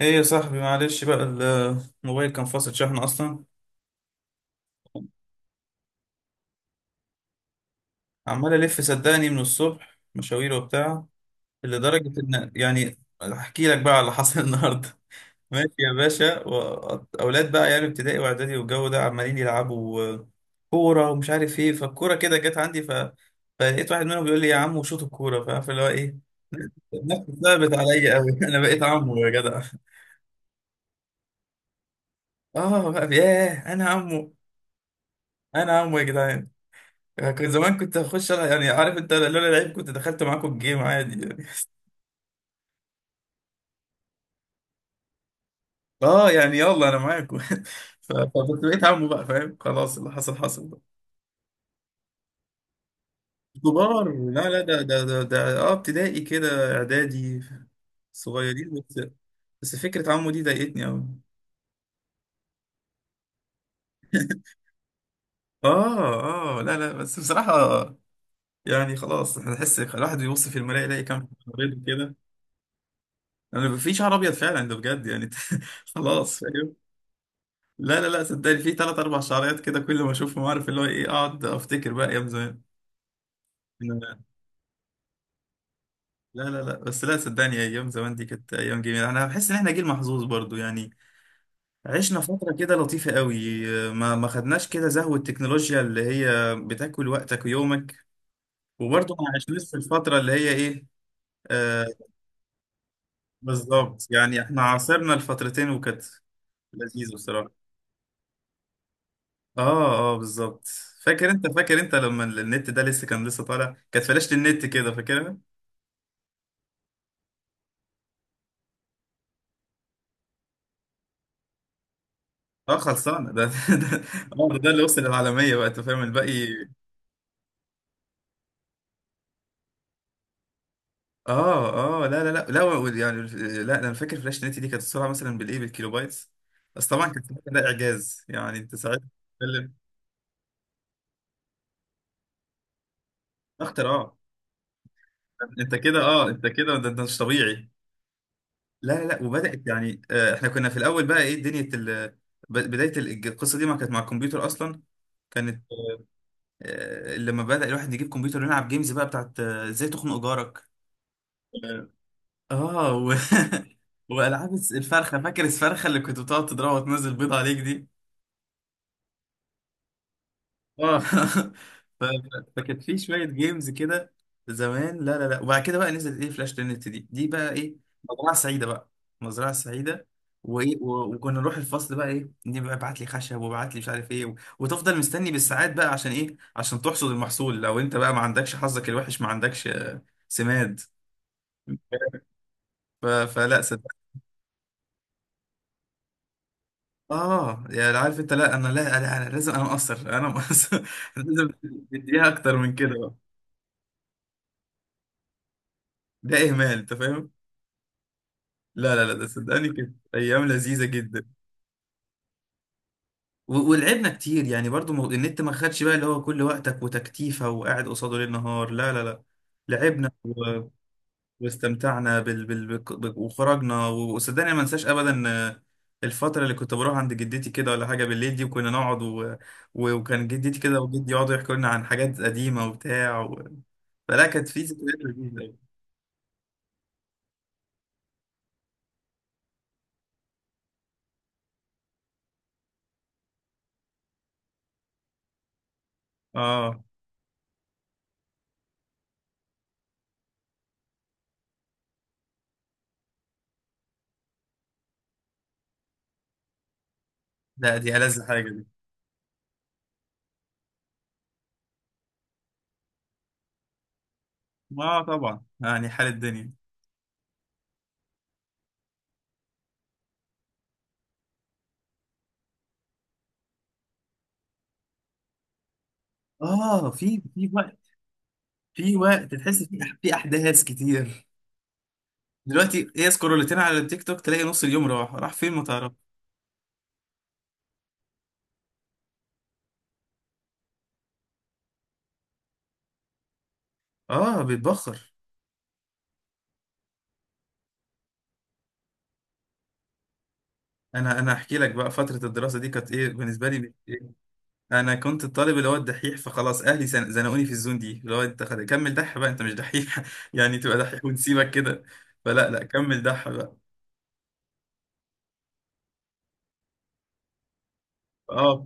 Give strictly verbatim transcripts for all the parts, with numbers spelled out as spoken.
ايه يا صاحبي، معلش بقى. الموبايل كان فاصل شحن اصلا. عمال الف صدقني من الصبح مشاوير وبتاع، لدرجه ان يعني احكي لك بقى على اللي حصل النهارده. ماشي يا باشا، و- اولاد بقى يعني ابتدائي واعدادي والجو ده عمالين يلعبوا كوره ومش عارف ايه، فالكوره كده جت عندي ف... فلقيت واحد منهم بيقول لي يا عم شوط الكوره، فعارف اللي هو ايه. نفسي ثابت عليا قوي انا بقيت عمه يا جدع. اه بقى، ياه انا عمه! انا عمه يا جدعان. كنت زمان كنت هخش ألعب- يعني عارف انت، لولا لعيب كنت دخلت معاكم الجيم عادي يعني اه يعني يلا انا معاكم ف- فكنت بقيت عمو بقى، فاهم؟ خلاص، اللي حصل حصل بقى. كبار؟ لا لا، ده ده ده, ده اه ابتدائي كده، اعدادي. صغيرين بس. بس فكرة عمو دي ضايقتني قوي اه اه، لا لا، بس بصراحة يعني خلاص، احنا نحس الواحد بيبص في المراية يلاقي كام مريض كده. انا بيبقى في شعر ابيض فعلا، ده بجد يعني خلاص. لا لا لا، صدقني في ثلاث اربع شعريات كده، كل ما اشوفهم عارف اللي هو ايه، اقعد افتكر بقى ايام زمان. لا. لا لا لا، بس لا صدقني، ايام زمان دي كانت ايام جميله. انا بحس ان احنا جيل محظوظ برضو يعني، عشنا فتره كده لطيفه قوي. ما ما خدناش كده زهو التكنولوجيا اللي هي بتاكل وقتك ويومك، وبرضو ما عشناش في الفتره اللي هي ايه. آه. بالظبط يعني، احنا عاصرنا الفترتين وكانت لذيذه بصراحه. اه اه، بالظبط. فاكر انت؟ فاكر انت لما النت ده لسه كان لسه طالع، كانت فلاشة النت كده، فاكرها؟ اه، خلصانه ده ده اه ده, ده اللي وصل العالميه بقى، انت فاهم الباقي. اه اه، لا لا لا لا و- يعني، لا ده انا فاكر فلاش نت دي كانت السرعه مثلا بالايه، بالكيلو بايتس. بس طبعا كان ساعتها ده اعجاز، يعني انت ساعتها بتتكلم اختراع! انت كده اه، انت كده ده انت مش طبيعي. لا لا لا، وبدات يعني آه، احنا كنا في الاول بقى ايه، دنيا ال... ب- بدايه ال- القصه دي ما كانت مع الكمبيوتر اصلا، كانت آه، لما بدأ الواحد يجيب كمبيوتر ويلعب جيمز بقى بتاعت آه، ازاي تخنق جارك. اه و... والعاب الس- الفرخه. فاكر الفرخه اللي كنت بتقعد تضربها وتنزل بيض عليك دي؟ اه ف... فكان في شويه جيمز كده زمان. لا لا لا، وبعد كده بقى نزلت ايه، فلاش تنت دي دي بقى ايه، مزرعه سعيده بقى. مزرعه سعيده، وايه و... وكنا نروح الفصل بقى ايه، نبقى ابعت لي خشب وابعت لي مش عارف ايه، و... وتفضل مستني بالساعات بقى عشان ايه، عشان تحصد المحصول. لو انت بقى ما عندكش حظك الوحش، ما عندكش آه، سماد. ف... فلا. اه يعني عارف انت، لا انا لا لا انا لازم، انا مقصر انا مقصر لازم تديها اكتر من كده بقى. ده اهمال انت فاهم. لا لا لا، ده صدقني كده ايام لذيذه جدا. و- ولعبنا كتير يعني برضو، مو- النت ما خدش بقى اللي هو كل وقتك وتكتيفه، وقاعد قصاده ليل نهار. لا لا لا، لعبنا واستمتعنا بال... بال... بك- بك- وخرجنا، وصدقني ما انساش ابدا آه، الفتره اللي كنت بروح عند جدتي كده، ولا حاجه بالليل دي، وكنا نقعد و... و... وكان جدتي كده وجدي يقعدوا يحكوا لنا عن حاجات قديمه وبتاع و... فلا، كانت في ذكريات لذيذه أوي. اه، لا دي ألذ حاجه دي. اه طبعا يعني، حال الدنيا. اه، في في وقت، في وقت تحس في أح- في احداث كتير. دلوقتي هي سكرولتين على التيك توك، تلاقي نص اليوم راح، راح فين ما تعرف. اه بيتبخر. انا انا احكي لك بقى، فتره الدراسه دي كانت ايه بالنسبه لي مش إيه. انا كنت الطالب اللي هو الدحيح، فخلاص اهلي زن- زنقوني في الزون دي، اللي هو انت خد- كمل دح بقى، انت مش دحيح يعني تبقى دحيح ونسيبك كده؟ فلا لا، كمل دح بقى. اه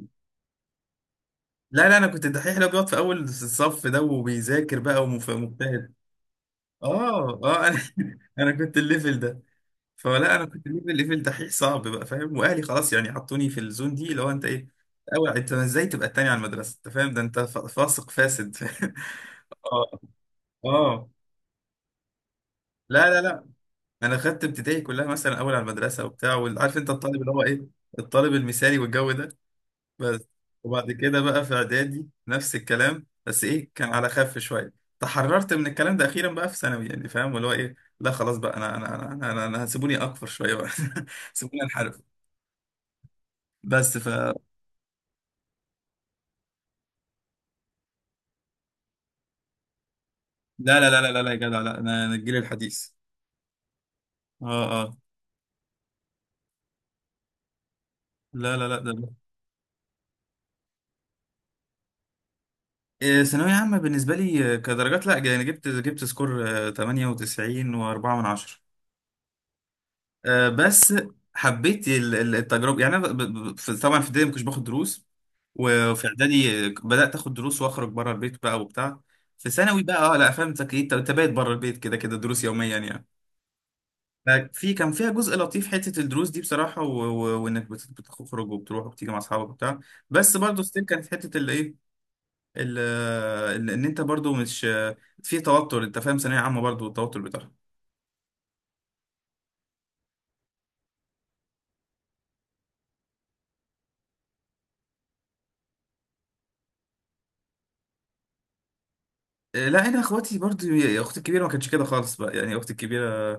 لا لا، انا كنت الدحيح اللي هو بيقعد في اول الصف ده وبيذاكر بقى ومف- ومجتهد. اه اه، انا انا كنت الليفل ده. فلا انا كنت الليفل الليفل دحيح صعب بقى، فاهم؟ واهلي خلاص يعني حطوني في الزون دي، اللي هو انت ايه، اول انت ازاي تبقى التاني على المدرسه، انت فاهم؟ ده انت ف- فاسق فاسد اه اه، لا لا لا، انا خدت ابتدائي كلها مثلا اول على المدرسه وبتاع، وعارف انت الطالب اللي هو ايه، الطالب المثالي والجو ده. بس. وبعد كده بقى في اعدادي نفس الكلام، بس ايه كان على خف شويه. تحررت من الكلام ده اخيرا بقى في ثانوي، يعني فاهم اللي هو ايه، لا خلاص بقى انا انا انا انا, أنا, أنا هسيبوني اكفر شويه بقى سيبوني انحرف. بس ف لا لا لا لا لا لا يا جدع، لا انا، أنا الجيل الحديث. اه اه، لا لا لا ده، آه، ثانوية عامة بالنسبة لي آه، كدرجات، لا يعني جبت جبت سكور آه، ثمانية وتسعين و4 من عشرة آه، بس. حبيت ال- ال- التجربة يعني. أنا ب- ب- في- طبعا في ابتدائي ما كنتش باخد دروس، وفي إعدادي آه، بدأت آخد دروس وأخرج بره البيت بقى وبتاع. في ثانوي بقى أه، لا فاهم أنت، أنت بايت بره البيت كده كده، دروس يوميا يعني. ففي كان فيها جزء لطيف حتة الدروس دي بصراحة، و- و- وإنك بت- بتخرج وبتروح وبتيجي مع أصحابك وبتاع. بس برضه ستيل كانت حتة اللي إيه، ال- ال- ان انت برضو مش في توتر، انت فاهم؟ ثانويه عامه برضو التوتر بتاعها. آه، لا انا اخواتي برضو، يا اختي الكبيره ما كانتش كده خالص بقى، يعني اختي الكبيره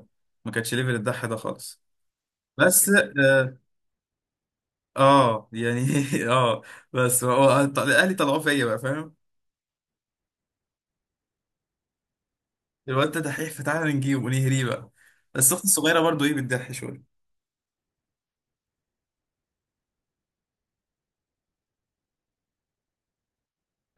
ما كانتش ليفل الضحى ده خالص. بس اه آه، يعني اه. بس هو اهلي طلعوه فيا بقى، فاهم؟ الواد ده دحيح فتعالى نجيبه ونهريه بقى. بس اختي الصغيره برضو ايه بتضحي شويه.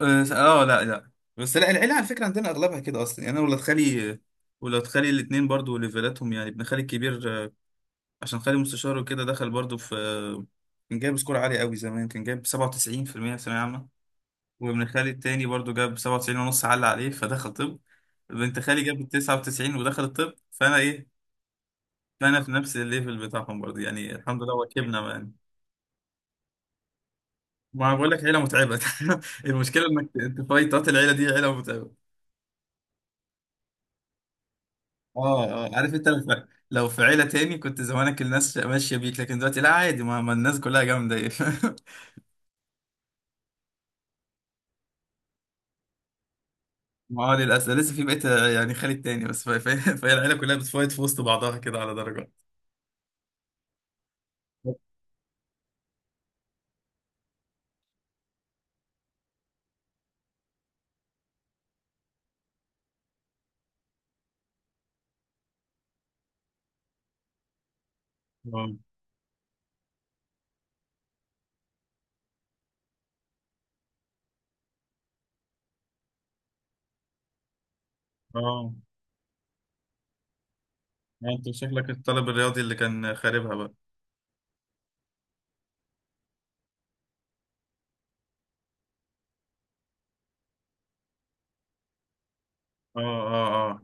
اه، آه، لا لا. بس لا العيله على فكره عندنا اغلبها كده اصلا، يعني انا ولاد خالي، ولاد خالي الاثنين برضو ليفلاتهم يعني. ابن خالي الكبير، عشان خالي مستشار وكده دخل برضو في، كان جايب سكور عالي قوي زمان، كان جايب سبعة وتسعين في المية في المية في ثانوية عامة. وابن خالي التاني برضو جاب سبعة وتسعين ونص، علق عليه فدخل طب. بنت خالي جابت تسعة وتسعين ودخل الطب. فانا ايه، فانا في نفس الليفل بتاعهم برضو يعني، الحمد لله، وكبنا يعني. ما أنا بقول لك، عيلة متعبة المشكلة انك انت فايتات، العيلة دي عيلة متعبة. اه اه، عارف انت، لو في، لو في عيلة تاني كنت زمانك الناس ماشية بيك، لكن دلوقتي لا عادي، ما, ما الناس كلها جامدة ايه، ما هو للأسف لسه في بقيت يعني خالد تاني بس، فا- فا- فهي العيلة كلها بتفايت في وسط بعضها كده على درجات. اه اه، ما انت شكلك الطالب الرياضي اللي كان خاربها بقى. اه اه اه.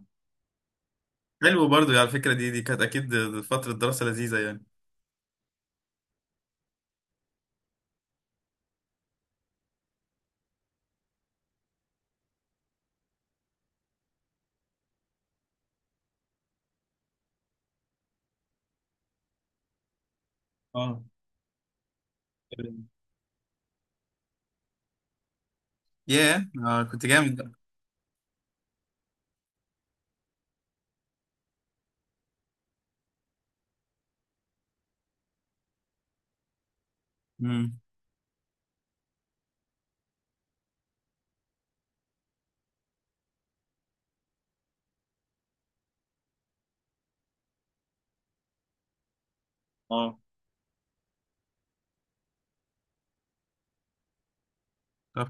حلو برضو على فكرة، دي دي كانت أكيد فترة دراسة لذيذة يعني. اه، ياه اه كنت جامد بقى. امم اه. طب،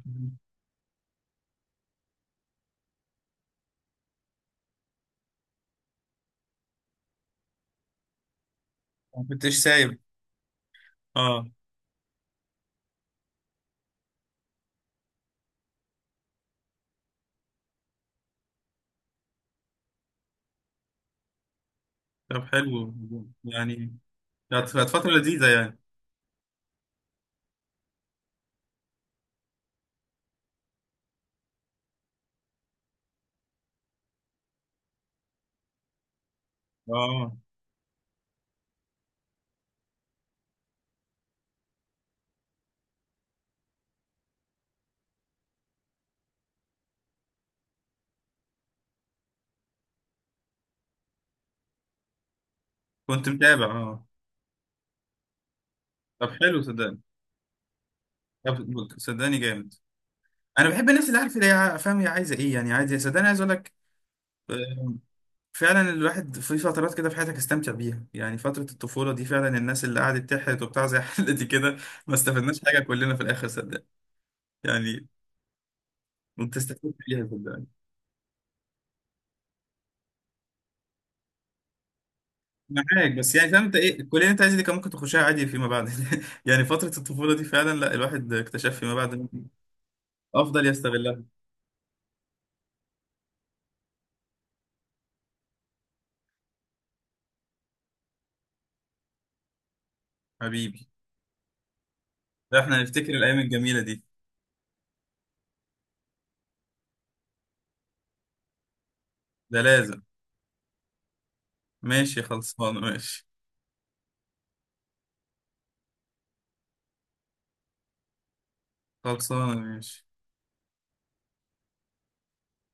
ما كنتش سايب. اه، طب حلو يعني، كانت كانت فترة لذيذة يعني. اه، كنت متابع اه. طب حلو صدقني. طب، صدقني جامد. انا بحب الناس اللي عارفه اللي هي فاهم، هي عايزه ايه يعني، عايزه إيه. صدقني عايز اقول لك، آم، فعلا الواحد في فترات كده في حياتك استمتع بيها، يعني فتره الطفوله دي فعلا. الناس اللي قعدت تحرت وبتاع زي حالتي كده، ما استفدناش حاجه كلنا في الاخر صدقني يعني. انت استفدت بيها صدقني، معاك بس يعني، فاهم انت، ايه الكليه اللي انت عايزها دي كان ممكن تخشها عادي فيما بعد يعني فتره الطفوله دي فعلا، لا الواحد اكتشف فيما بعد إنه افضل يستغلها. حبيبي، لا احنا نفتكر الايام الجميله دي، ده لازم. ماشي خلصانه ماشي. خلصانه ماشي.